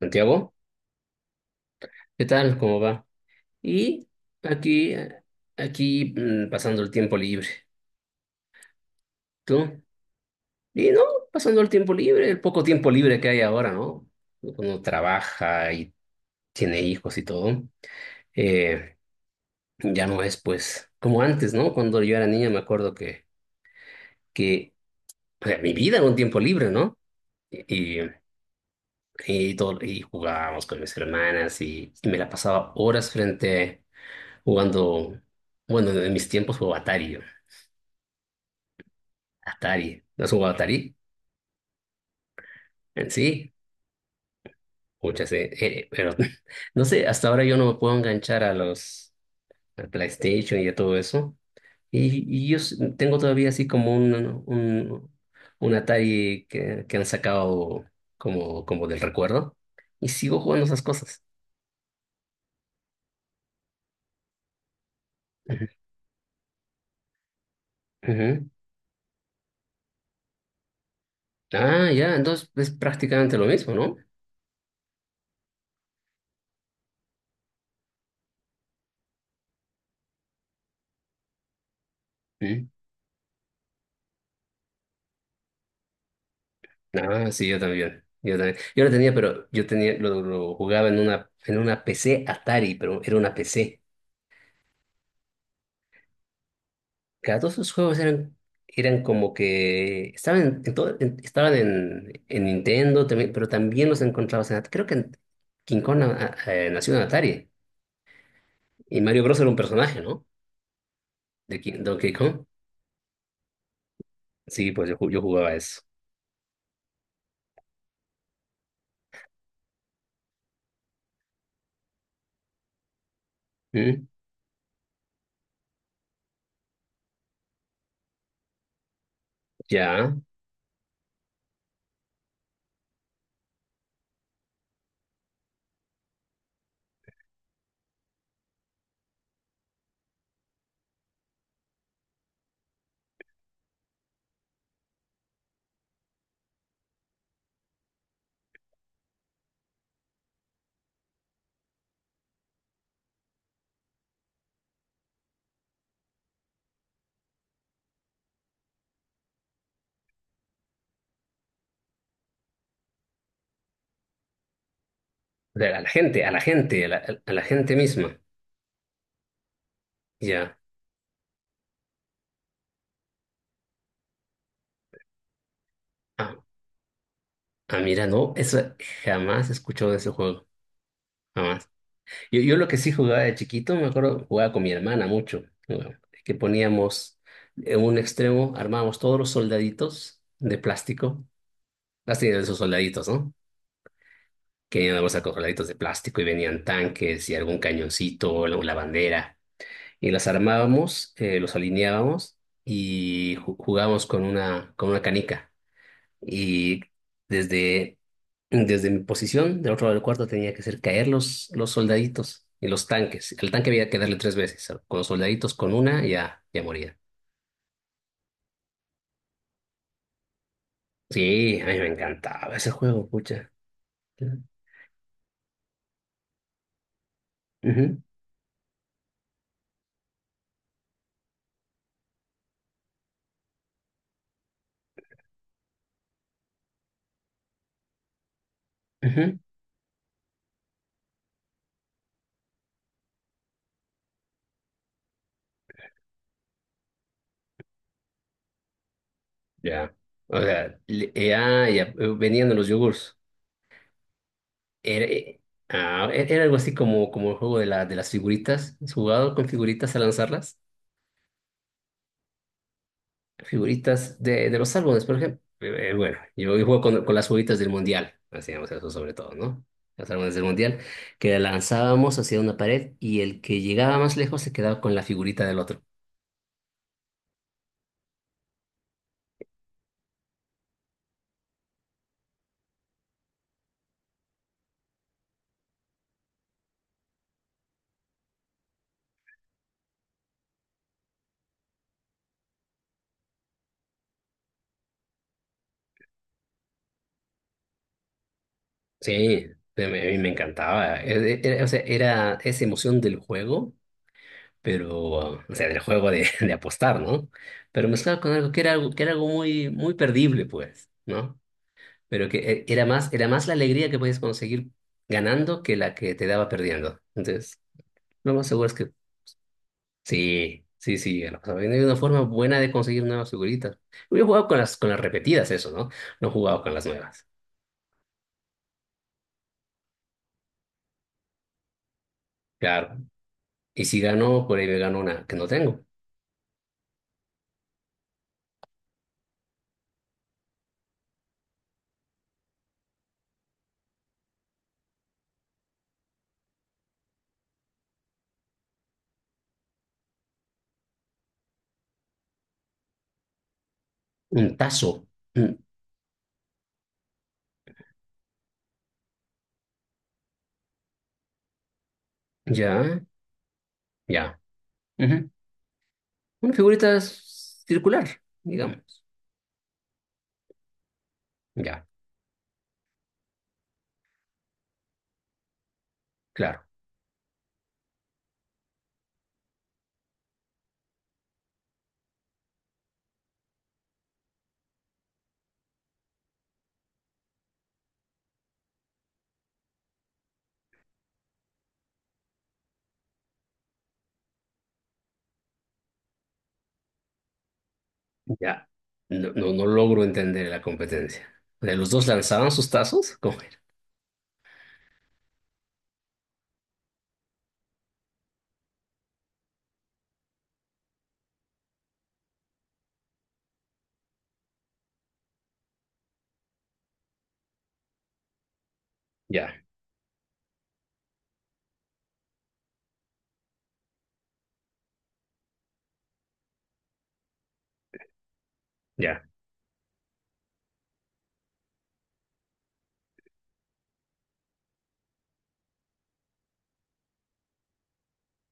Santiago, ¿qué tal? ¿Cómo va? Y aquí, aquí pasando el tiempo libre. ¿Tú? Y no, pasando el tiempo libre, el poco tiempo libre que hay ahora, ¿no? Uno trabaja y tiene hijos y todo. Eh, ya no es pues como antes, ¿no? Cuando yo era niña me acuerdo que o sea, mi vida era un tiempo libre, ¿no? Y, y, y todo, y jugábamos con mis hermanas y me la pasaba horas frente jugando, bueno, en mis tiempos jugaba Atari. Yo. Atari. ¿No has jugado Atari? En sí, muchas, pero no sé, hasta ahora yo no me puedo enganchar a los al PlayStation y a todo eso. Y, tengo todavía así como un, un Atari que han sacado como del recuerdo. Y sigo jugando esas cosas. Ujú. Ujú. Ah, ya, entonces es prácticamente lo mismo, ¿no? Mm. Ah, sí, yo también. Yo también. Yo lo tenía, pero yo tenía, lo jugaba en una PC Atari, pero era una PC. Claro, todos esos juegos eran, eran como que estaban en todo, estaban en Nintendo también, pero también los encontrabas en Atari. Creo que King Kong nació en Atari y Mario Bros era un personaje, ¿no? De Donkey Kong. Sí, pues yo jugaba eso. ¿Mm? Ya. O sea, a la gente, a la gente, a la gente misma. Ya. Ah, ah, mira, no, eso jamás he escuchado de ese juego. Jamás. Yo lo que sí jugaba de chiquito, me acuerdo, jugaba con mi hermana mucho, ¿no? Que poníamos en un extremo, armábamos todos los soldaditos de plástico, las tenían esos soldaditos, ¿no? Que venían en la bolsa con soldaditos de plástico y venían tanques y algún cañoncito, o la bandera. Y las armábamos, los alineábamos y jugábamos con una canica. Y desde, desde mi posición, del otro lado del cuarto, tenía que hacer caer los soldaditos y los tanques. El tanque había que darle tres veces. Con los soldaditos, con una, ya, ya moría. Sí, a mí me encantaba ese juego, pucha. Ujú, ujú. Ya. O sea, ya, ya, venían de los yogurts. Era, era algo así como, como el juego de la, de las figuritas. ¿Has jugado con figuritas a lanzarlas? Figuritas de los álbumes, por ejemplo. Bueno, yo juego con las figuritas del Mundial, hacíamos eso sobre todo, ¿no? Los álbumes del Mundial, que lanzábamos hacia una pared y el que llegaba más lejos se quedaba con la figurita del otro. Sí, a mí me encantaba. Era, o sea, era esa emoción del juego, pero, o sea, del juego de, de apostar, ¿no? Pero mezclado con algo que era algo, que era algo muy, muy perdible, pues, ¿no? Pero que era más la alegría que podías conseguir ganando que la que te daba perdiendo. Entonces, lo más seguro es que sí, sí, sí, a la pasaba bien. Hay una forma buena de conseguir nuevas figuritas. Yo he jugado con las repetidas, eso, ¿no? No he jugado con las nuevas. Claro. Y si gano por ahí me gano una que no tengo. Un tazo. Mm, ya, ya. Ujú. Una figurita circular, digamos. Ya, claro. Ya. No, no, no logro entender la competencia. O sea, los dos lanzaban sus tazos. ¿Cómo era? Ya, ya,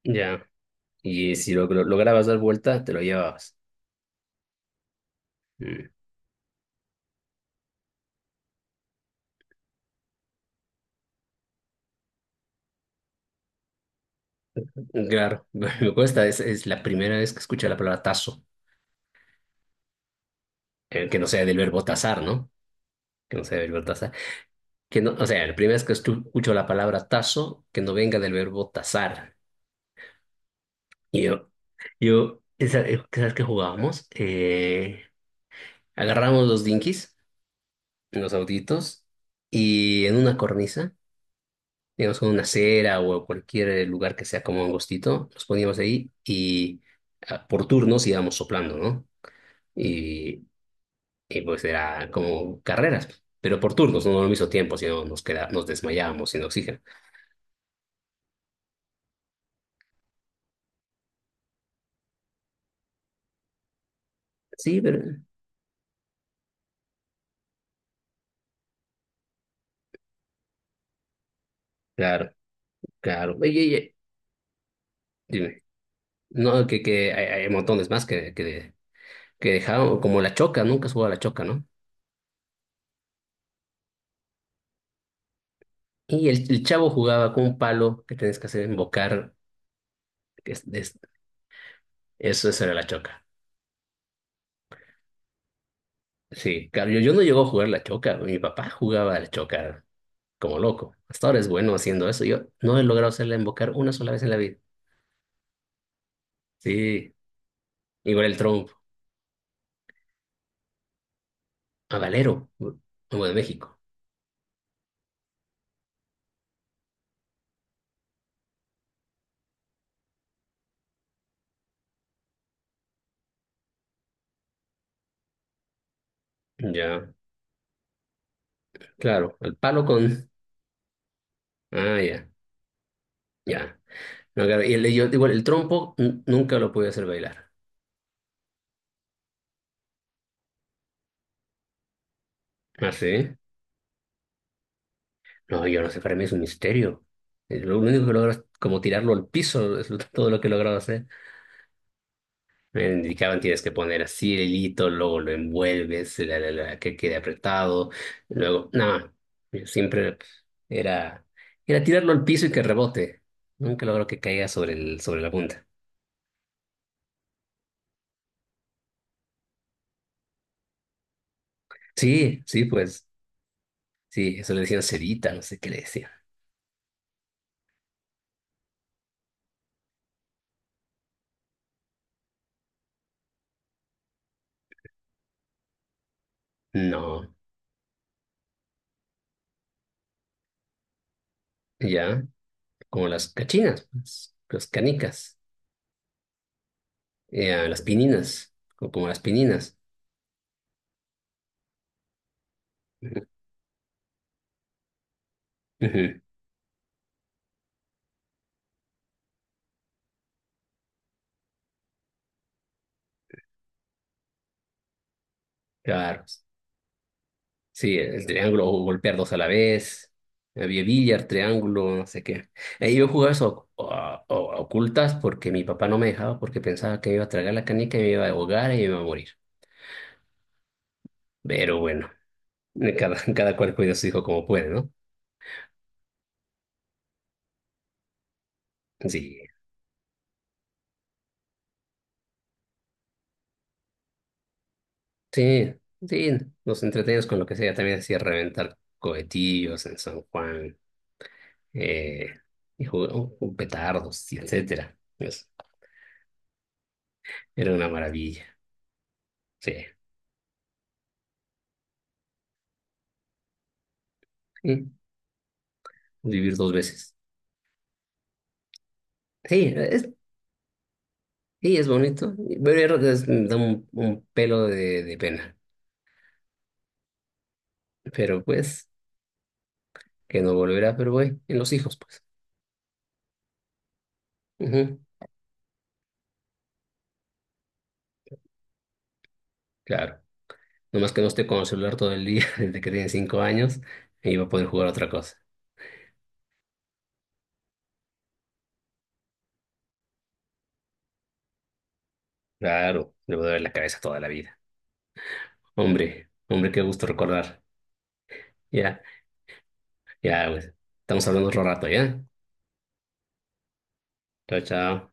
ya. Y si lo lograbas dar vuelta, te lo llevabas. Mm, claro, me cuesta. Es la primera vez que escucho la palabra tazo, que no sea del verbo tazar, ¿no? Que no sea del verbo tazar. Que no, o sea, la primera vez que escucho la palabra tazo, que no venga del verbo tazar. Y yo, esa, ¿sabes qué jugábamos? Agarramos los dinkies, los autitos, y en una cornisa. Digamos, con una acera o cualquier lugar que sea como angostito, nos poníamos ahí y por turnos íbamos soplando, ¿no? Y, y pues era como carreras, pero por turnos, no al mismo tiempo, sino nos queda, nos desmayábamos sin oxígeno. Sí, pero claro, claro. Oye, oye, dime, no, que hay montones más que dejaron, como la choca, nunca jugaba la choca, ¿no? Y el chavo jugaba con un palo que tenías que hacer embocar, que es- es- eso, eso era la choca. Sí, claro, yo no llego a jugar la choca, güey. Mi papá jugaba la choca como loco. Hasta ahora es bueno haciendo eso. Yo no he logrado hacerla embocar una sola vez en la vida. Sí, igual el trompo, a Valero, como de México. Ya, claro, al palo con... Ah, ya, ya. No, claro, yo, igual el trompo nunca lo pude hacer bailar. ¿Ah, sí? No, yo no sé, para mí es un misterio. Lo único que logro es como tirarlo al piso, es todo lo que he logrado hacer. Me indicaban tienes que poner así el hilito, luego lo envuelves, que quede apretado, luego, nada, yo siempre era, era tirarlo al piso y que rebote, nunca logro que caiga sobre el, sobre la punta. Sí, sí, pues, sí, eso le decían cerita, no sé qué le decían. No, ya, como las cachinas, pues, las canicas, las pininas, o como las pininas. Ujú, ujú, claro, sí, el triángulo, o golpear dos a la vez. Había billar, triángulo, no sé qué. Ahí yo jugaba eso a ocultas porque mi papá no me dejaba porque pensaba que me iba a tragar la canica y me iba a ahogar y me iba a morir. Pero bueno, cada, cada cual cuida a su hijo como puede, ¿no? Sí, sí, sí. Nos entretenemos con lo que sea. También hacía reventar cohetillos en San Juan eh, y jugamos con petardos, y etcétera. Pues, era una maravilla. Sí, sí, vivir dos veces. Sí, es sí, es bonito, pero yo creo que da un pelo de pena. Pero pues, que no volverá, pero voy, en los hijos, pues. Ujú, claro. Nomás que no esté con el celular todo el día, desde que tiene cinco años, y va a poder jugar a otra cosa. Claro, le va a doler la cabeza toda la vida. Hombre, hombre, qué gusto recordar. Ya, ya, pues. Estamos hablando otro rato, ¿ya? Chao, chao.